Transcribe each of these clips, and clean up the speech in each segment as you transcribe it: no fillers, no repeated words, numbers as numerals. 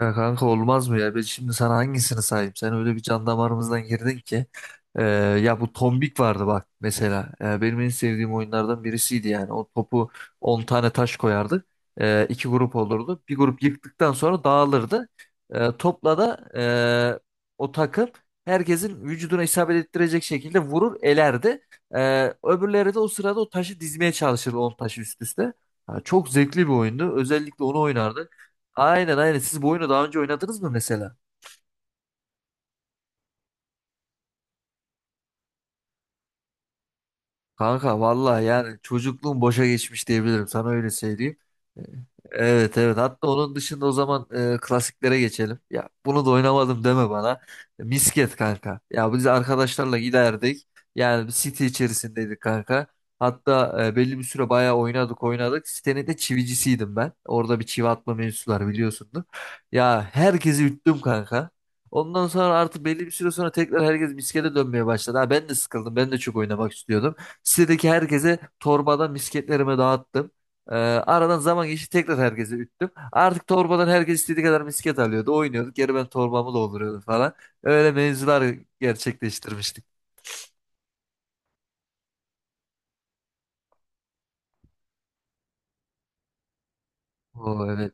Ya kanka olmaz mı ya? Ben şimdi sana hangisini sayayım? Sen öyle bir can damarımızdan girdin ki. Ee, Ya bu tombik vardı bak mesela. Benim en sevdiğim oyunlardan birisiydi yani. O topu 10 tane taş koyardık. İki grup olurdu. Bir grup yıktıktan sonra dağılırdı. Topla da o takım herkesin vücuduna isabet ettirecek şekilde vurur elerdi. Öbürleri de o sırada o taşı dizmeye çalışırdı 10 taşı üst üste. Ha, çok zevkli bir oyundu. Özellikle onu oynardık. Aynen aynen. Siz bu oyunu daha önce oynadınız mı mesela? Kanka vallahi yani çocukluğum boşa geçmiş diyebilirim. Sana öyle söyleyeyim. E, Evet evet. Hatta onun dışında o zaman klasiklere geçelim. Ya bunu da oynamadım deme bana. Misket kanka. Ya biz arkadaşlarla giderdik. Yani bir site içerisindeydik kanka. Hatta belli bir süre bayağı oynadık oynadık. Sitenin de çivicisiydim ben. Orada bir çivi atma mevzusu var biliyorsundur. Ya herkesi üttüm kanka. Ondan sonra artık belli bir süre sonra tekrar herkes miskete dönmeye başladı. Ha, ben de sıkıldım. Ben de çok oynamak istiyordum. Sitedeki herkese torbadan misketlerimi dağıttım. Aradan zaman geçti tekrar herkese üttüm. Artık torbadan herkes istediği kadar misket alıyordu. Oynuyorduk. Geri ben torbamı dolduruyordum falan. Öyle mevzular gerçekleştirmiştik. O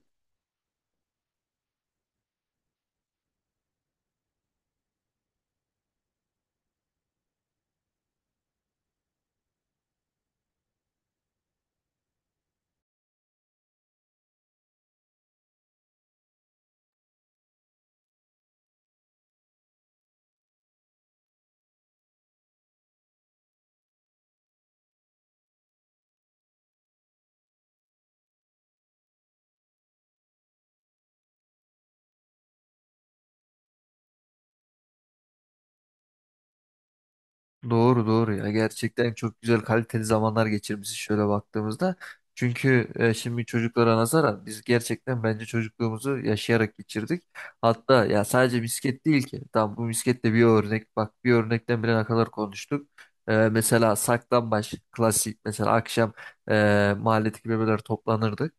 Doğru doğru ya gerçekten çok güzel kaliteli zamanlar geçirmişiz şöyle baktığımızda. Çünkü şimdi çocuklara nazaran biz gerçekten bence çocukluğumuzu yaşayarak geçirdik. Hatta ya sadece misket değil ki. Tamam bu misketle bir örnek bak bir örnekten bile ne kadar konuştuk. Mesela saklambaç klasik mesela akşam mahalledeki bebeler toplanırdı.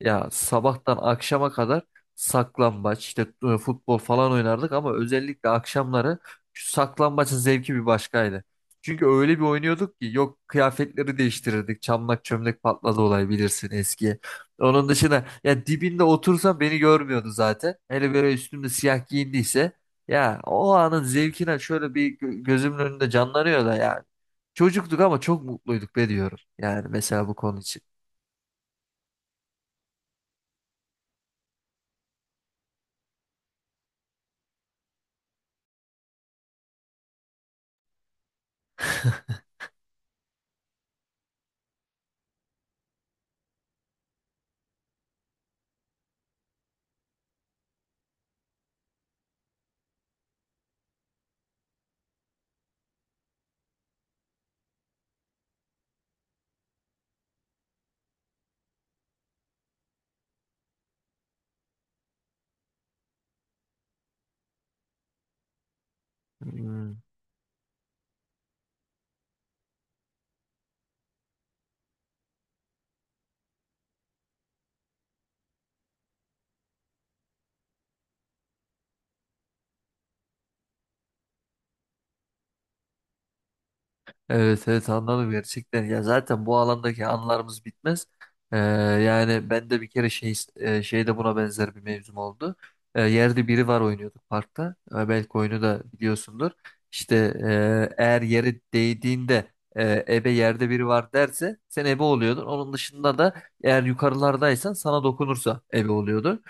Ya sabahtan akşama kadar saklambaç, işte futbol falan oynardık ama özellikle akşamları şu saklambaçın zevki bir başkaydı. Çünkü öyle bir oynuyorduk ki yok kıyafetleri değiştirirdik. Çamlak çömlek patladı olay bilirsin eski. Onun dışında ya dibinde otursam beni görmüyordu zaten. Hele böyle üstümde siyah giyindiyse ya o anın zevkine şöyle bir gözümün önünde canlanıyor da yani. Çocuktuk ama çok mutluyduk be diyorum. Yani mesela bu konu için. Hmm. Evet evet anladım gerçekten ya zaten bu alandaki anılarımız bitmez. Yani ben de bir kere şey şeyde buna benzer bir mevzum oldu. Yerde biri var oynuyorduk parkta. Belki oyunu da biliyorsundur. İşte eğer yere değdiğinde ebe yerde biri var derse sen ebe oluyordun, onun dışında da eğer yukarılardaysan sana dokunursa ebe oluyordun.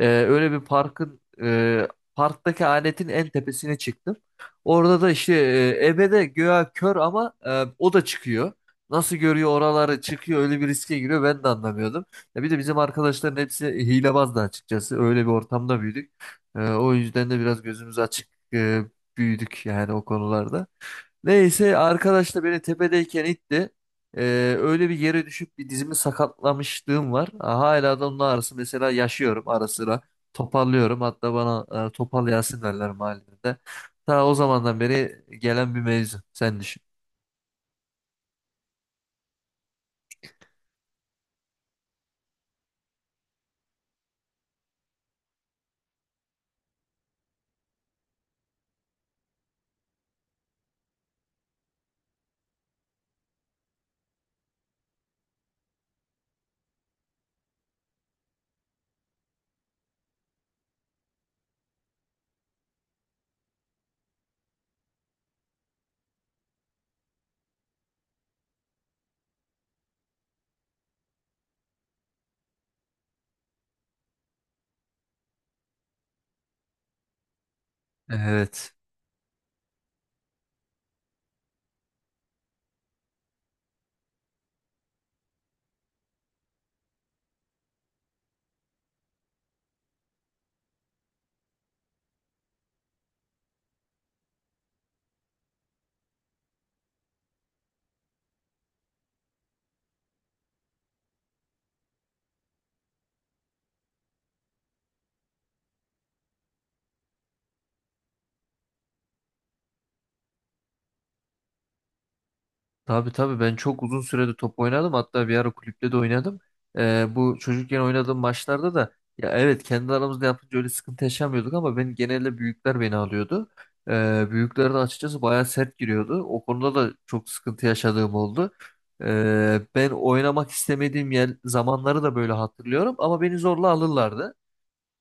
Öyle bir parkın parktaki aletin en tepesine çıktım. Orada da işte ebe de göğe kör ama o da çıkıyor. Nasıl görüyor oraları çıkıyor öyle bir riske giriyor ben de anlamıyordum. Ya bir de bizim arkadaşların hepsi hilebazdı açıkçası. Öyle bir ortamda büyüdük. O yüzden de biraz gözümüz açık e, büyüdük yani o konularda. Neyse arkadaş da beni tepedeyken itti. Öyle bir yere düşüp bir dizimi sakatlamışlığım var. Hala da onun ağrısı mesela yaşıyorum ara sıra. Toparlıyorum. Hatta bana topal Yasin derler mahallede. Ta o zamandan beri gelen bir mevzu. Sen düşün. Evet. Tabii tabii ben çok uzun sürede top oynadım hatta bir ara kulüpte de oynadım. Bu çocukken oynadığım maçlarda da ya evet kendi aramızda yapınca öyle sıkıntı yaşamıyorduk ama ben genelde büyükler beni alıyordu. Büyükler de açıkçası bayağı sert giriyordu. O konuda da çok sıkıntı yaşadığım oldu. Ben oynamak istemediğim yer, zamanları da böyle hatırlıyorum ama beni zorla alırlardı.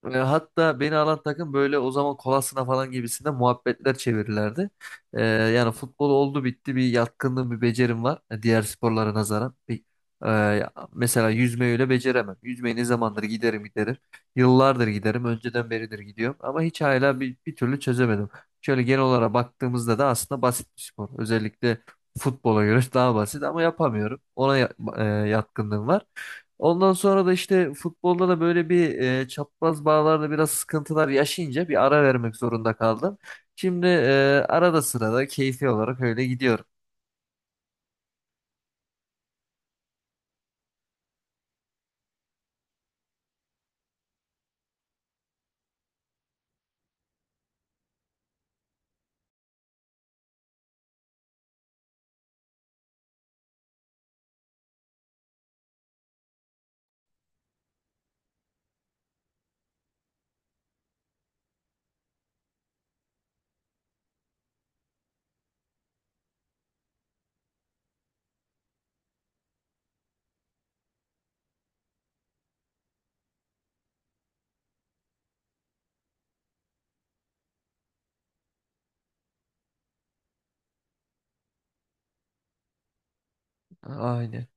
Hatta beni alan takım böyle o zaman kolasına falan gibisinde muhabbetler çevirirlerdi. Yani futbol oldu bitti bir yatkınlığım bir becerim var diğer sporlara nazaran. Mesela yüzmeyi öyle beceremem. Yüzmeyi ne zamandır giderim giderim. Yıllardır giderim önceden beridir gidiyorum ama hiç hala bir türlü çözemedim. Şöyle genel olarak baktığımızda da aslında basit bir spor. Özellikle futbola göre daha basit ama yapamıyorum. Ona yatkınlığım var. Ondan sonra da işte futbolda da böyle bir çapraz bağlarda biraz sıkıntılar yaşayınca bir ara vermek zorunda kaldım. Şimdi arada sırada keyfi olarak öyle gidiyorum. Aynen.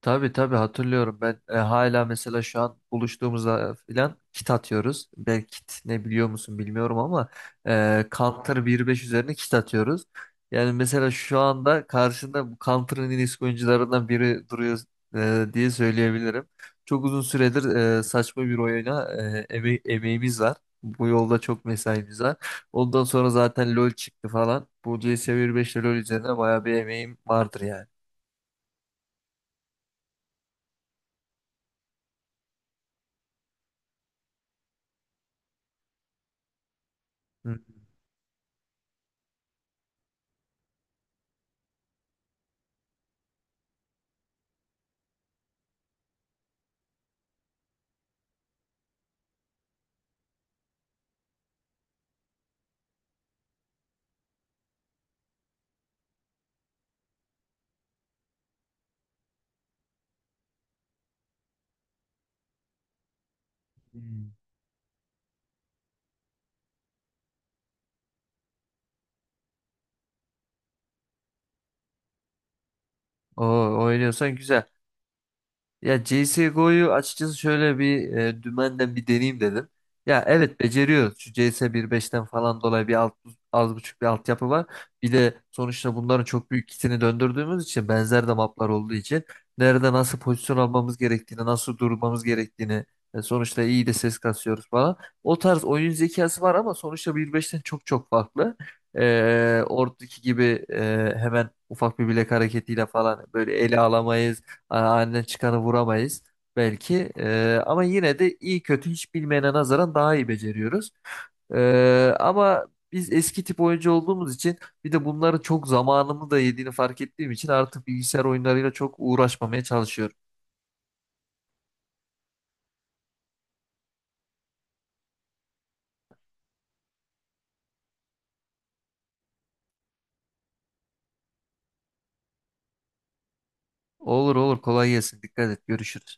Tabii tabii hatırlıyorum ben hala mesela şu an buluştuğumuzda filan kit atıyoruz. Belki kit ne biliyor musun bilmiyorum ama Counter 1.5 üzerine kit atıyoruz. Yani mesela şu anda karşında bu Counter'ın en eski oyuncularından biri duruyor diye söyleyebilirim. Çok uzun süredir saçma bir oyuna emeğimiz var. Bu yolda çok mesaimiz var. Ondan sonra zaten LoL çıktı falan. Bu CS 1.5 ile LoL üzerine bayağı bir emeğim vardır yani. Hı. Oo, oynuyorsan güzel. Ya CSGO'yu açıkçası şöyle bir dümenden bir deneyeyim dedim. Ya evet beceriyor. Şu CS 1.5'ten falan dolayı az buçuk bir altyapı var. Bir de sonuçta bunların çok büyük kitini döndürdüğümüz için benzer de maplar olduğu için nerede nasıl pozisyon almamız gerektiğini, nasıl durmamız gerektiğini sonuçta iyi de ses kasıyoruz falan. O tarz oyun zekası var ama sonuçta bir beşten çok çok farklı. Oradaki gibi hemen ufak bir bilek hareketiyle falan böyle ele alamayız. Aynen çıkanı vuramayız belki. Ama yine de iyi kötü hiç bilmeyene nazaran daha iyi beceriyoruz. Ama biz eski tip oyuncu olduğumuz için bir de bunların çok zamanımı da yediğini fark ettiğim için artık bilgisayar oyunlarıyla çok uğraşmamaya çalışıyorum. Olur olur kolay gelsin. Dikkat et. Görüşürüz.